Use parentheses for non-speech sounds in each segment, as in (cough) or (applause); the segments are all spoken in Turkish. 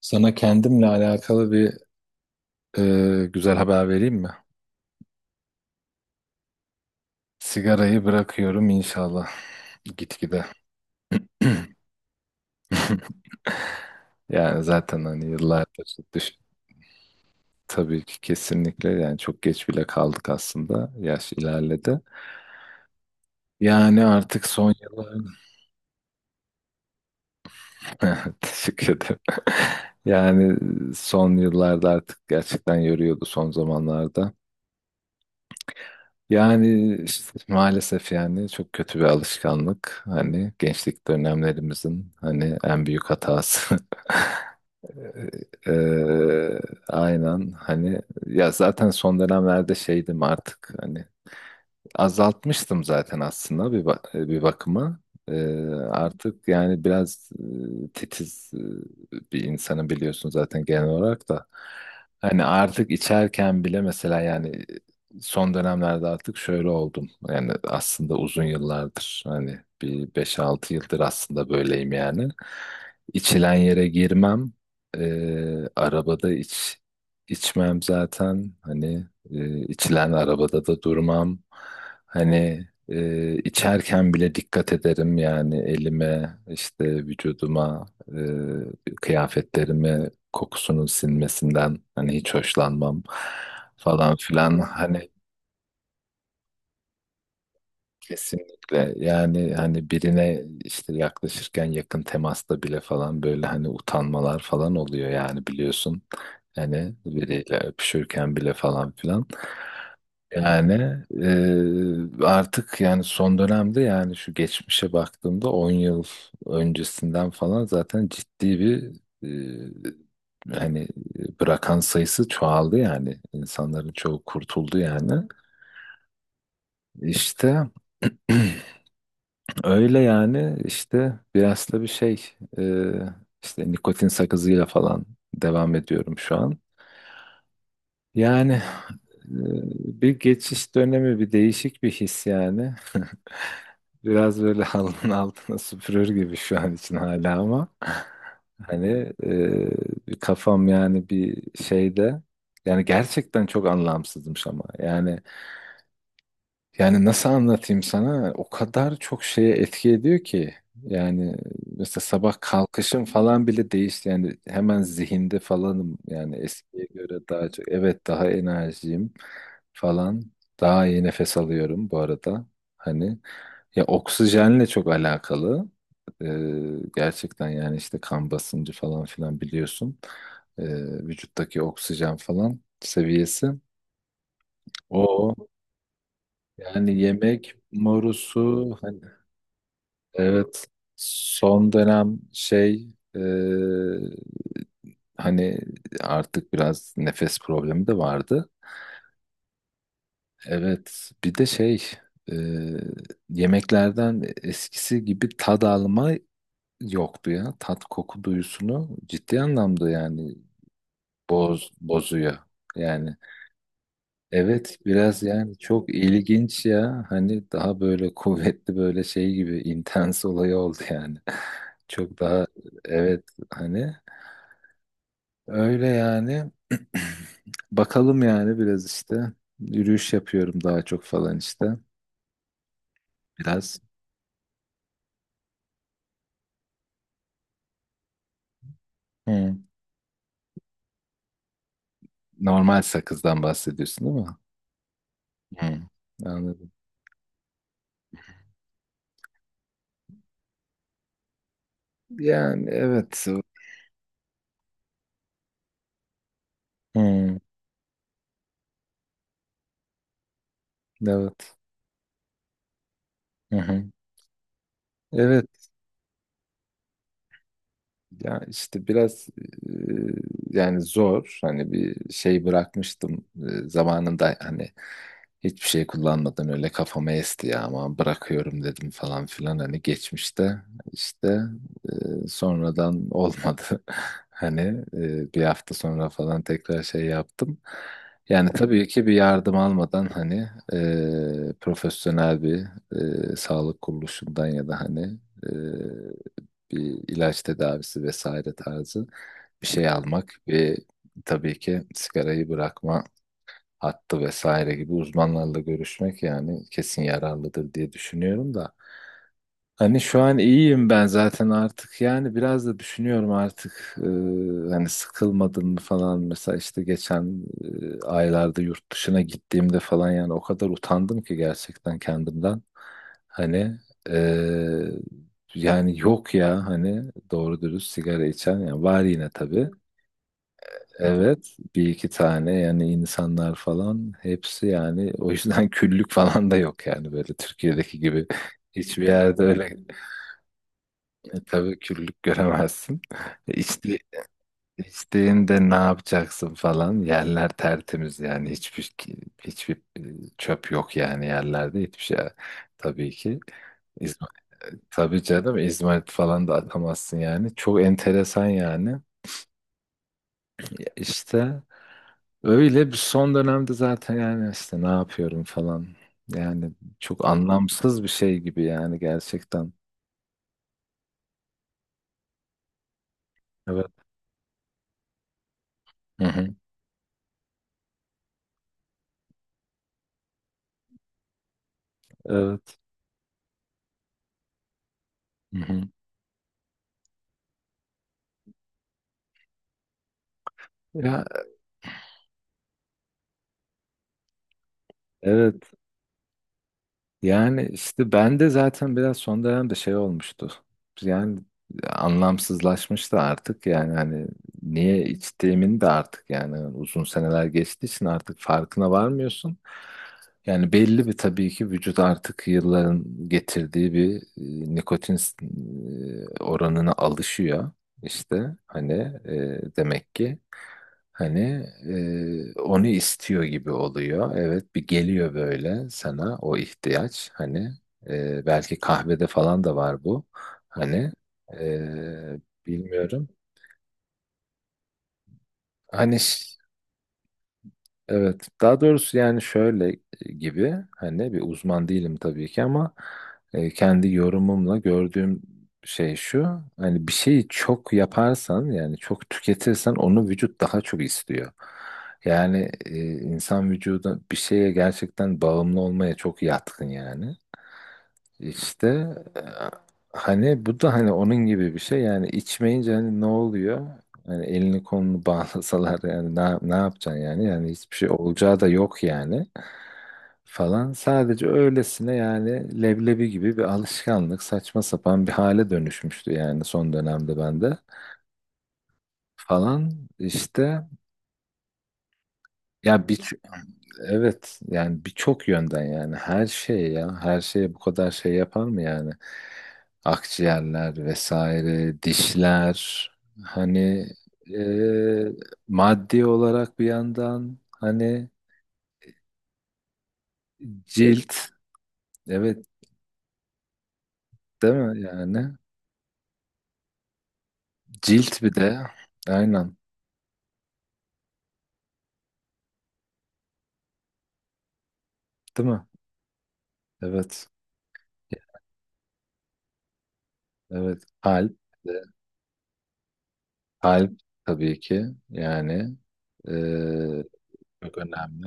Sana kendimle alakalı bir güzel haber vereyim mi? Sigarayı bırakıyorum inşallah gitgide. (laughs) Yani zaten hani yıllardır tabii ki kesinlikle yani çok geç bile kaldık aslında. Yaş ilerledi. Yani artık son yıllar (laughs) teşekkür ederim. (laughs) Yani son yıllarda artık gerçekten yoruyordu son zamanlarda. Yani işte maalesef yani çok kötü bir alışkanlık. Hani gençlik dönemlerimizin hani en büyük hatası. (laughs) Eee, aynen hani ya zaten son dönemlerde şeydim artık hani azaltmıştım zaten aslında bir bakıma. Ee, artık yani biraz titiz bir insanım biliyorsun zaten genel olarak da. Hani artık içerken bile mesela yani son dönemlerde artık şöyle oldum. Yani aslında uzun yıllardır hani bir beş altı yıldır aslında böyleyim yani. İçilen yere girmem. Arabada içmem zaten hani içilen arabada da durmam. Hani içerken bile dikkat ederim yani elime, işte vücuduma, kıyafetlerime kokusunun sinmesinden hani hiç hoşlanmam falan filan. Hani kesinlikle yani hani birine işte yaklaşırken yakın temasta bile falan böyle hani utanmalar falan oluyor yani biliyorsun. Hani biriyle öpüşürken bile falan filan. Yani artık yani son dönemde yani şu geçmişe baktığımda 10 yıl öncesinden falan zaten ciddi bir hani bırakan sayısı çoğaldı yani insanların çoğu kurtuldu yani işte (clears throat) öyle yani işte biraz da bir şey e, işte nikotin sakızıyla falan devam ediyorum şu an yani. Ee, bir geçiş dönemi, bir değişik bir his yani. (laughs) Biraz böyle halının altına süpürür gibi şu an için hala, ama hani bir kafam yani bir şeyde yani gerçekten çok anlamsızmış ama yani nasıl anlatayım sana? O kadar çok şeye etki ediyor ki. Yani mesela sabah kalkışım falan bile değişti. Yani hemen zihinde falanım. Yani eskiye göre daha çok. Evet, daha enerjiyim falan. Daha iyi nefes alıyorum bu arada. Hani ya oksijenle çok alakalı. Ee, gerçekten yani işte kan basıncı falan filan biliyorsun. Ee, vücuttaki oksijen falan seviyesi. O. Yani yemek morusu hani evet, son dönem şey e, hani artık biraz nefes problemi de vardı. Evet bir de şey e, yemeklerden eskisi gibi tad alma yoktu ya. Tat koku duyusunu ciddi anlamda yani bozuyor. Yani evet, biraz yani çok ilginç ya hani daha böyle (laughs) kuvvetli böyle şey gibi intens olayı oldu yani. (laughs) Çok daha, evet, hani öyle yani. (clears throat) Bakalım yani biraz işte yürüyüş yapıyorum daha çok falan işte biraz. Hı. Normal sakızdan bahsediyorsun değil mi? Hı. Anladım. Yani evet. Hı. Evet. Hı hı. Evet. Ya işte biraz yani zor hani bir şey bırakmıştım zamanında hani hiçbir şey kullanmadan öyle kafama esti ya, ama bırakıyorum dedim falan filan hani geçmişte işte sonradan olmadı. (laughs) Hani bir hafta sonra falan tekrar şey yaptım. Yani tabii ki bir yardım almadan hani profesyonel bir sağlık kuruluşundan ya da hani bir ilaç tedavisi vesaire tarzı bir şey almak ve tabii ki sigarayı bırakma hattı vesaire gibi uzmanlarla görüşmek yani kesin yararlıdır diye düşünüyorum da. Hani şu an iyiyim ben zaten artık yani biraz da düşünüyorum artık hani sıkılmadım mı falan mesela işte geçen aylarda yurt dışına gittiğimde falan yani o kadar utandım ki gerçekten kendimden, hani e, yani yok ya hani doğru dürüst sigara içen yani var yine tabii. Evet, bir iki tane yani insanlar falan, hepsi yani o yüzden (laughs) küllük falan da yok yani böyle Türkiye'deki gibi. Hiçbir yerde öyle tabii küllük göremezsin. (laughs) E, İçti, içtiğinde (laughs) ne yapacaksın falan. Yerler tertemiz yani hiçbir çöp yok yani yerlerde hiçbir şey, tabii ki. İzmir, tabii canım, İzmarit falan da atamazsın yani. Çok enteresan yani. Ya İşte öyle. Bir son dönemde zaten yani işte ne yapıyorum falan. Yani çok anlamsız bir şey gibi yani gerçekten. Evet. Hı hı. Evet. Hı hı. Ya evet. Yani işte ben de zaten biraz son dönemde şey olmuştu. Yani anlamsızlaşmıştı artık yani hani niye içtiğimin de artık yani uzun seneler geçtiği için artık farkına varmıyorsun. Yani belli bir, tabii ki vücut artık yılların getirdiği bir nikotin oranına alışıyor. İşte hani demek ki. Hani onu istiyor gibi oluyor. Evet, bir geliyor böyle sana o ihtiyaç. Hani belki kahvede falan da var bu. Hani e, bilmiyorum. Hani evet, daha doğrusu yani şöyle gibi hani bir uzman değilim tabii ki, ama kendi yorumumla gördüğüm şey şu: hani bir şeyi çok yaparsan yani çok tüketirsen onu vücut daha çok istiyor. Yani insan vücuda bir şeye gerçekten bağımlı olmaya çok yatkın yani. İşte e, hani bu da hani onun gibi bir şey yani içmeyince hani ne oluyor? Yani elini kolunu (laughs) bağlasalar yani ne yapacaksın yani? Yani hiçbir şey olacağı da yok yani falan. Sadece öylesine yani leblebi gibi bir alışkanlık, saçma sapan bir hale dönüşmüştü yani son dönemde bende falan işte. Ya bir Evet yani birçok yönden yani her şey ya, her şeye bu kadar şey yapar mı yani? Akciğerler vesaire, dişler hani e, maddi olarak bir yandan hani, cilt, evet, değil mi yani, cilt bir de, aynen, değil mi, evet, evet, kalp, kalp, tabii ki yani e, çok önemli,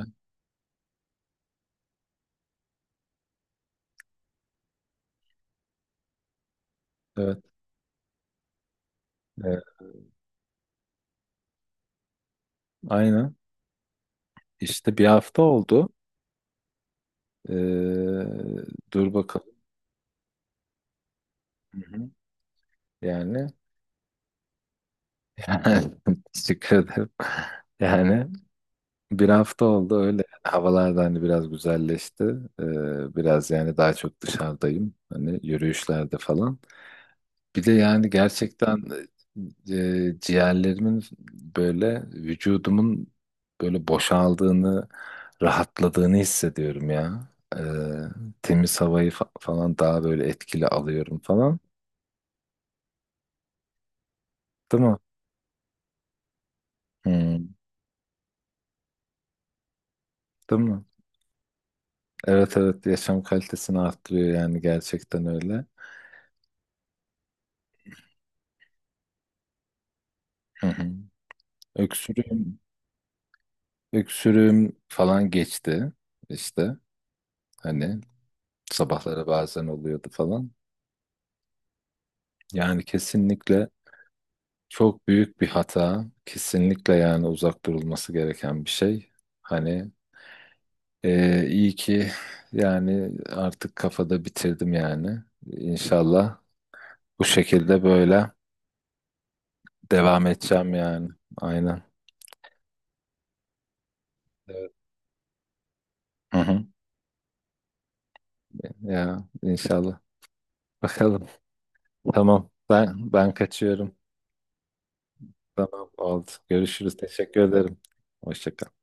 evet, evet, aynen. İşte bir hafta oldu. Ee, dur bakalım. Hı hı. Yani, (laughs) yani teşekkür ederim. Yani bir hafta oldu öyle. Havalar da hani biraz güzelleşti. Biraz yani daha çok dışarıdayım. Hani yürüyüşlerde falan. Bir de yani gerçekten ciğerlerimin, böyle vücudumun böyle boşaldığını, rahatladığını hissediyorum ya. E, temiz havayı falan daha böyle etkili alıyorum falan. Değil mi? Hmm, değil mi? Evet, evet, yaşam kalitesini arttırıyor yani gerçekten öyle. Hı hı. Öksürüğüm, öksürüğüm falan geçti işte, hani sabahları bazen oluyordu falan. Yani kesinlikle çok büyük bir hata. Kesinlikle yani uzak durulması gereken bir şey. Hani iyi ki yani artık kafada bitirdim yani. İnşallah bu şekilde böyle devam edeceğim yani. Aynen. Evet. Hı hı. Ya inşallah. Bakalım. Tamam. Ben kaçıyorum. Tamam, oldu. Görüşürüz. Teşekkür ederim. Hoşça kal.